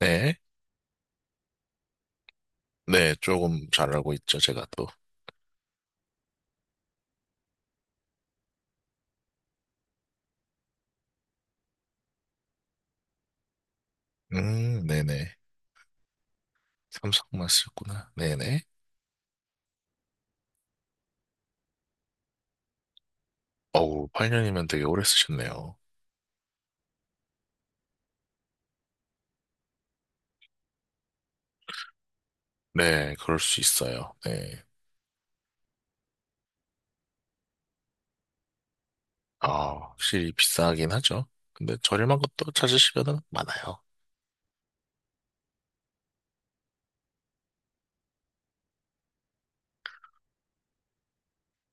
네. 네, 조금 잘 알고 있죠, 제가 또. 네네. 삼성만 쓰셨구나. 네네. 어우, 8년이면 되게 오래 쓰셨네요. 네, 그럴 수 있어요. 네. 아, 확실히 비싸긴 하죠. 근데 저렴한 것도 찾으시면 많아요.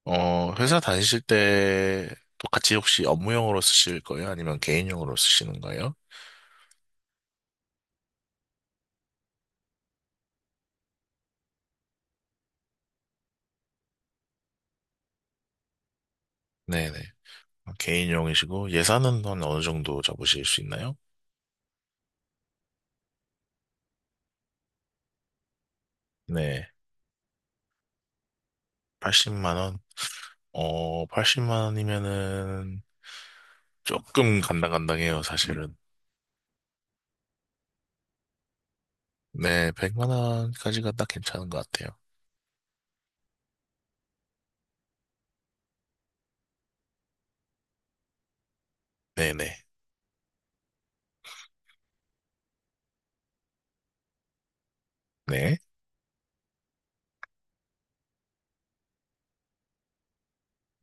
회사 다니실 때 또 같이 혹시 업무용으로 쓰실 거예요? 아니면 개인용으로 쓰시는 거예요? 네네. 개인용이시고 예산은 한 어느 정도 잡으실 수 있나요? 네. 80만 원. 80만 원이면은 조금 간당간당해요, 사실은. 네, 100만 원까지가 딱 괜찮은 것 같아요. 네네. 네.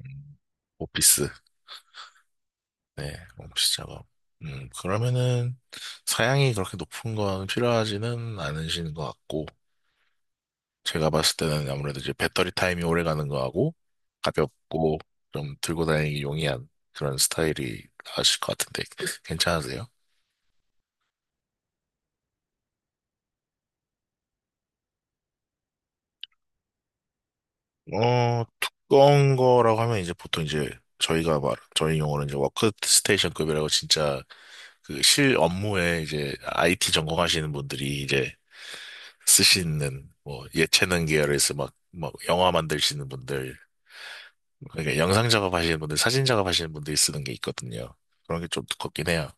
음, 오피스. 네, 오피스 작업. 그러면은 사양이 그렇게 높은 건 필요하지는 않으신 것 같고, 제가 봤을 때는 아무래도 이제 배터리 타임이 오래 가는 거하고, 가볍고, 좀 들고 다니기 용이한 그런 스타일이 나으실 것 같은데, 괜찮으세요? 어, 두꺼운 거라고 하면 이제 보통 이제 저희 용어는 이제 워크스테이션급이라고 진짜 그 실 업무에 이제 IT 전공하시는 분들이 이제 쓰시는 뭐 예체능 계열에서 막, 막 영화 만드시는 분들, 그러니까 영상 작업하시는 분들, 사진 작업하시는 분들이 쓰는 게 있거든요. 그런 게 좀 두껍긴 해요.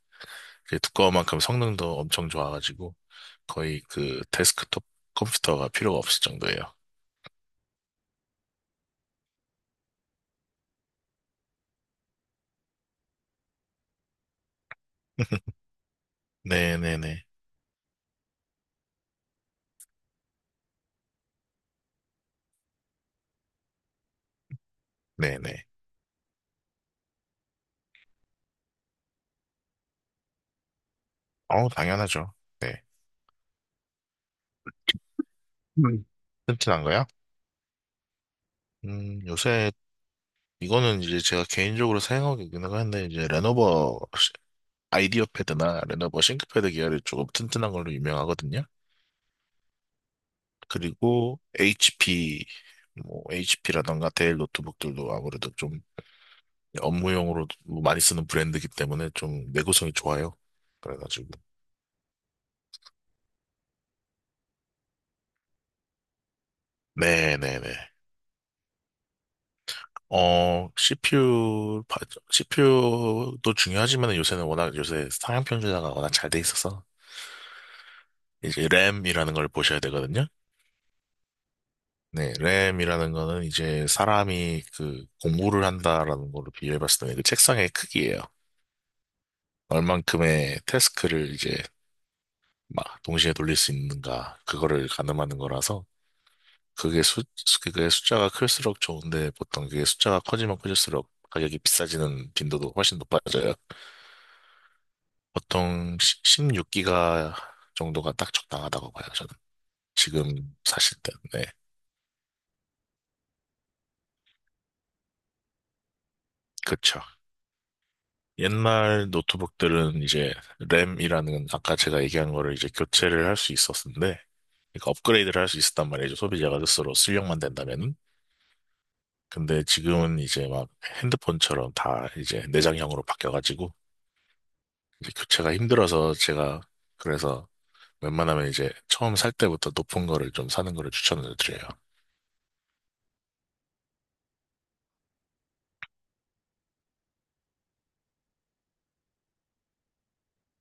그 두꺼운 만큼 성능도 엄청 좋아가지고 거의 그 데스크톱 컴퓨터가 필요가 없을 정도예요. 네네네. 네네. 당연하죠. 네. 음. 튼튼한 거야? 요새 이거는 이제 제가 개인적으로 사용하고 있는 건데 이제 아이디어 패드나 레노버 싱크패드 계열이 조금 튼튼한 걸로 유명하거든요. 그리고 HP 뭐 HP라던가 데일 노트북들도 아무래도 좀 업무용으로 많이 쓰는 브랜드이기 때문에 좀 내구성이 좋아요. 그래가지고 네네네. CPU, CPU도 중요하지만 요새는 워낙 요새 상향 평준화가 워낙 잘 돼 있어서 이제 램이라는 걸 보셔야 되거든요. 네, 램이라는 거는 이제 사람이 그 공부를 한다라는 걸로 비유해 봤을 때 그 책상의 크기예요. 얼만큼의 태스크를 이제 막 동시에 돌릴 수 있는가 그거를 가늠하는 거라서 그게 수 그게 숫자가 클수록 좋은데 보통 그게 숫자가 커지면 커질수록 가격이 비싸지는 빈도도 훨씬 높아져요. 보통 16기가 정도가 딱 적당하다고 봐요, 저는. 지금 사실 때. 네. 그렇 옛날 노트북들은 이제 램이라는 아까 제가 얘기한 거를 이제 교체를 할 수 있었는데, 그러니까 업그레이드를 할 수 있었단 말이죠. 소비자가 스스로 출력만 된다면은. 근데 지금은 이제 막 핸드폰처럼 다 이제 내장형으로 바뀌어가지고 이제 교체가 힘들어서 제가 그래서 웬만하면 이제 처음 살 때부터 높은 거를 좀 사는 거를 추천을 드려요.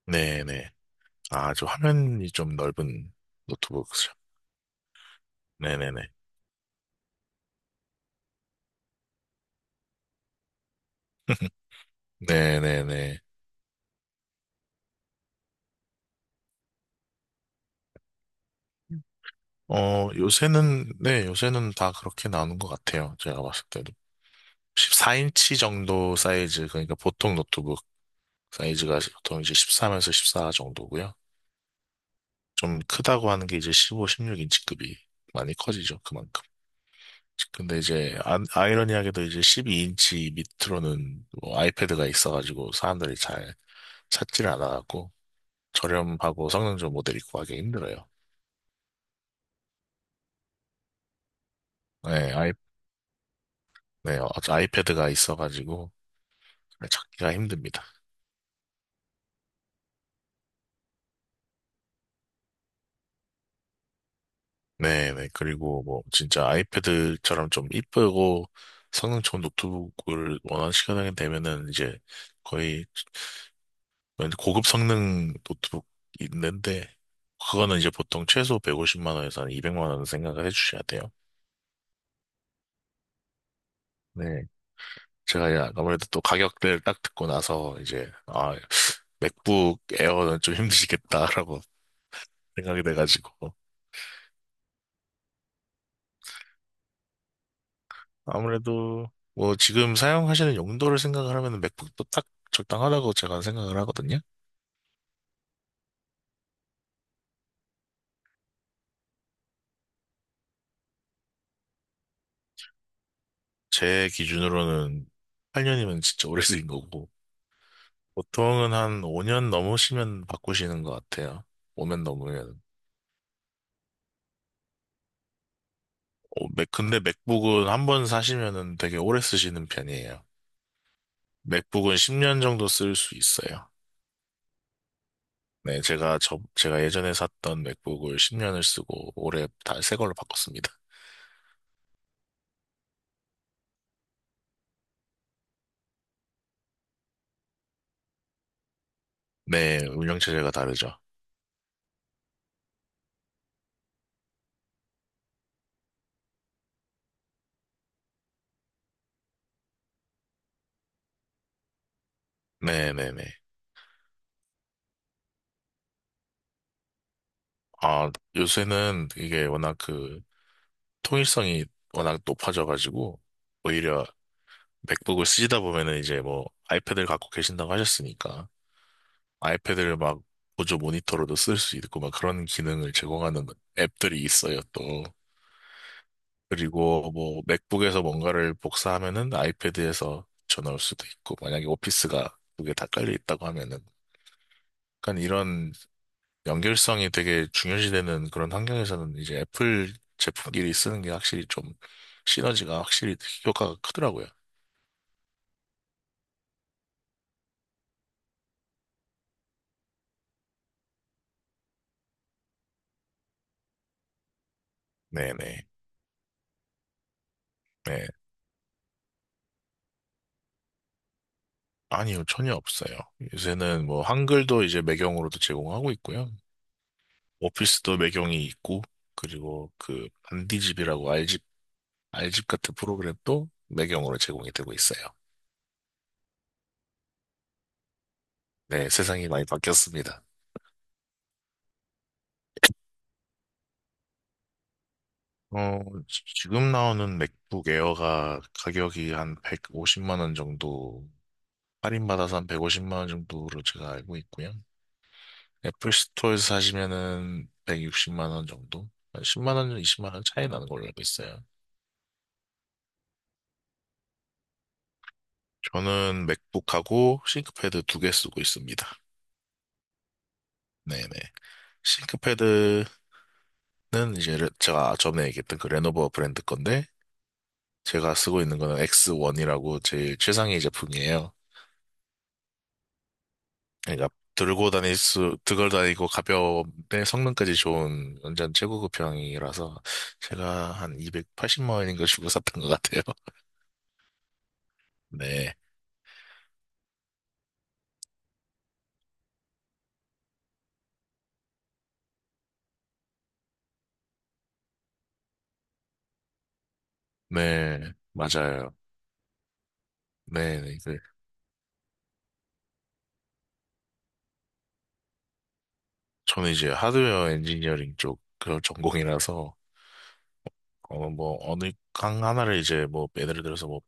네네. 아, 저 화면이 좀 넓은 노트북이죠. 네네네. 네네네. 요새는, 네, 요새는 다 그렇게 나오는 것 같아요. 제가 봤을 때도. 14인치 정도 사이즈, 그러니까 보통 노트북 사이즈가 보통 이제 1 4에서 14 정도고요. 좀 크다고 하는 게 이제 15, 16인치급이 많이 커지죠, 그만큼. 근데 이제 아이러니하게도 이제 12인치 밑으로는 뭐 아이패드가 있어가지고 사람들이 잘 찾지를 않아갖고 저렴하고 성능 좋은 모델 있고 하기 힘들어요. 네, 네, 아이패드가 있어가지고 잘 찾기가 힘듭니다. 네네. 그리고 뭐 진짜 아이패드처럼 좀 이쁘고 성능 좋은 노트북을 원하는 시간이 되면은 이제 거의 완전 고급 성능 노트북 있는데 그거는 이제 보통 최소 150만 원에서 한 200만 원 생각을 해주셔야 돼요. 네. 제가 이제 아무래도 또 가격대를 딱 듣고 나서 이제 아 맥북 에어는 좀 힘드시겠다라고 생각이 돼가지고 아무래도 뭐 지금 사용하시는 용도를 생각을 하면 맥북도 딱 적당하다고 제가 생각을 하거든요. 제 기준으로는 8년이면 진짜 오래 쓰인 거고, 보통은 한 5년 넘으시면 바꾸시는 것 같아요. 5년 넘으면. 근데 맥북은 한 번 사시면은 되게 오래 쓰시는 편이에요. 맥북은 10년 정도 쓸 수 있어요. 네, 제가 예전에 샀던 맥북을 10년을 쓰고 올해 다 새 걸로 바꿨습니다. 네, 운영체제가 다르죠. 네네네. 아, 요새는 이게 워낙 그 통일성이 워낙 높아져가지고 오히려 맥북을 쓰시다 보면은 이제 뭐 아이패드를 갖고 계신다고 하셨으니까 아이패드를 막 보조 모니터로도 쓸 수 있고 막 그런 기능을 제공하는 앱들이 있어요 또 그리고 뭐 맥북에서 뭔가를 복사하면은 아이패드에서 전화올 수도 있고 만약에 오피스가 두 개 다 깔려 있다고 하면은 약간 이런 연결성이 되게 중요시되는 그런 환경에서는 이제 애플 제품끼리 쓰는 게 확실히 좀 시너지가 확실히 효과가 크더라고요. 네네. 네. 아니요, 전혀 없어요. 요새는 뭐 한글도 이제 매경으로도 제공하고 있고요. 오피스도 매경이 있고, 그리고 그 반디집이라고 알집 같은 프로그램도 매경으로 제공이 되고 있어요. 네, 세상이 많이 바뀌었습니다. 어, 지금 나오는 맥북 에어가 가격이 한 150만 원 정도, 할인받아서 한 150만 원 정도로 제가 알고 있고요. 애플 스토어에서 사시면은 160만 원 정도? 한 10만 원, 20만 원 차이 나는 걸로 알고 있어요. 저는 맥북하고 싱크패드 두 개 쓰고 있습니다. 네네. 싱크패드는 이제 제가 전에 얘기했던 그 레노버 브랜드 건데, 제가 쓰고 있는 거는 X1이라고 제일 최상위 제품이에요. 그러니까 들고 다니고 가벼운데 성능까지 좋은 완전 최고급형이라서 제가 한 280만 원인가 주고 샀던 것 같아요. 네. 네, 맞아요. 네, 네. 그, 저는 이제 하드웨어 엔지니어링 쪽 그 전공이라서, 뭐, 어느 강 하나를 이제 뭐, 예를 들어서 뭐,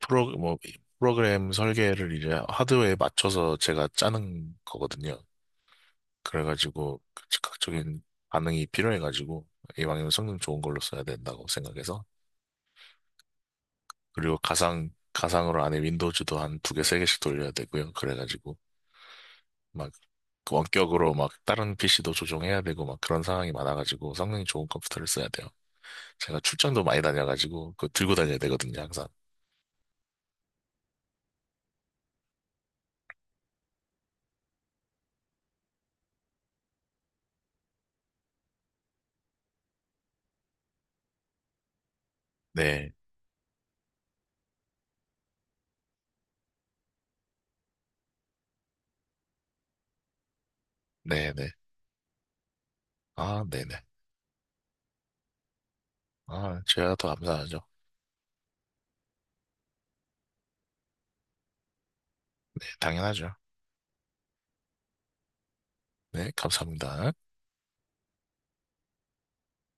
프로, 뭐, 프로그램 설계를 이제 하드웨어에 맞춰서 제가 짜는 거거든요. 그래가지고, 그 즉각적인 반응이 필요해가지고, 이왕이면 성능 좋은 걸로 써야 된다고 생각해서, 그리고 가상으로 안에 윈도우즈도 한 두 개, 세 개씩 돌려야 되고요. 그래가지고, 막 원격으로 막 다른 PC도 조종해야 되고 막 그런 상황이 많아가지고 성능이 좋은 컴퓨터를 써야 돼요. 제가 출장도 많이 다녀가지고 그거 들고 다녀야 되거든요, 항상. 네, 네, 네. 아, 네네. 아, 제가 더 감사하죠. 네, 당연하죠. 네, 감사합니다.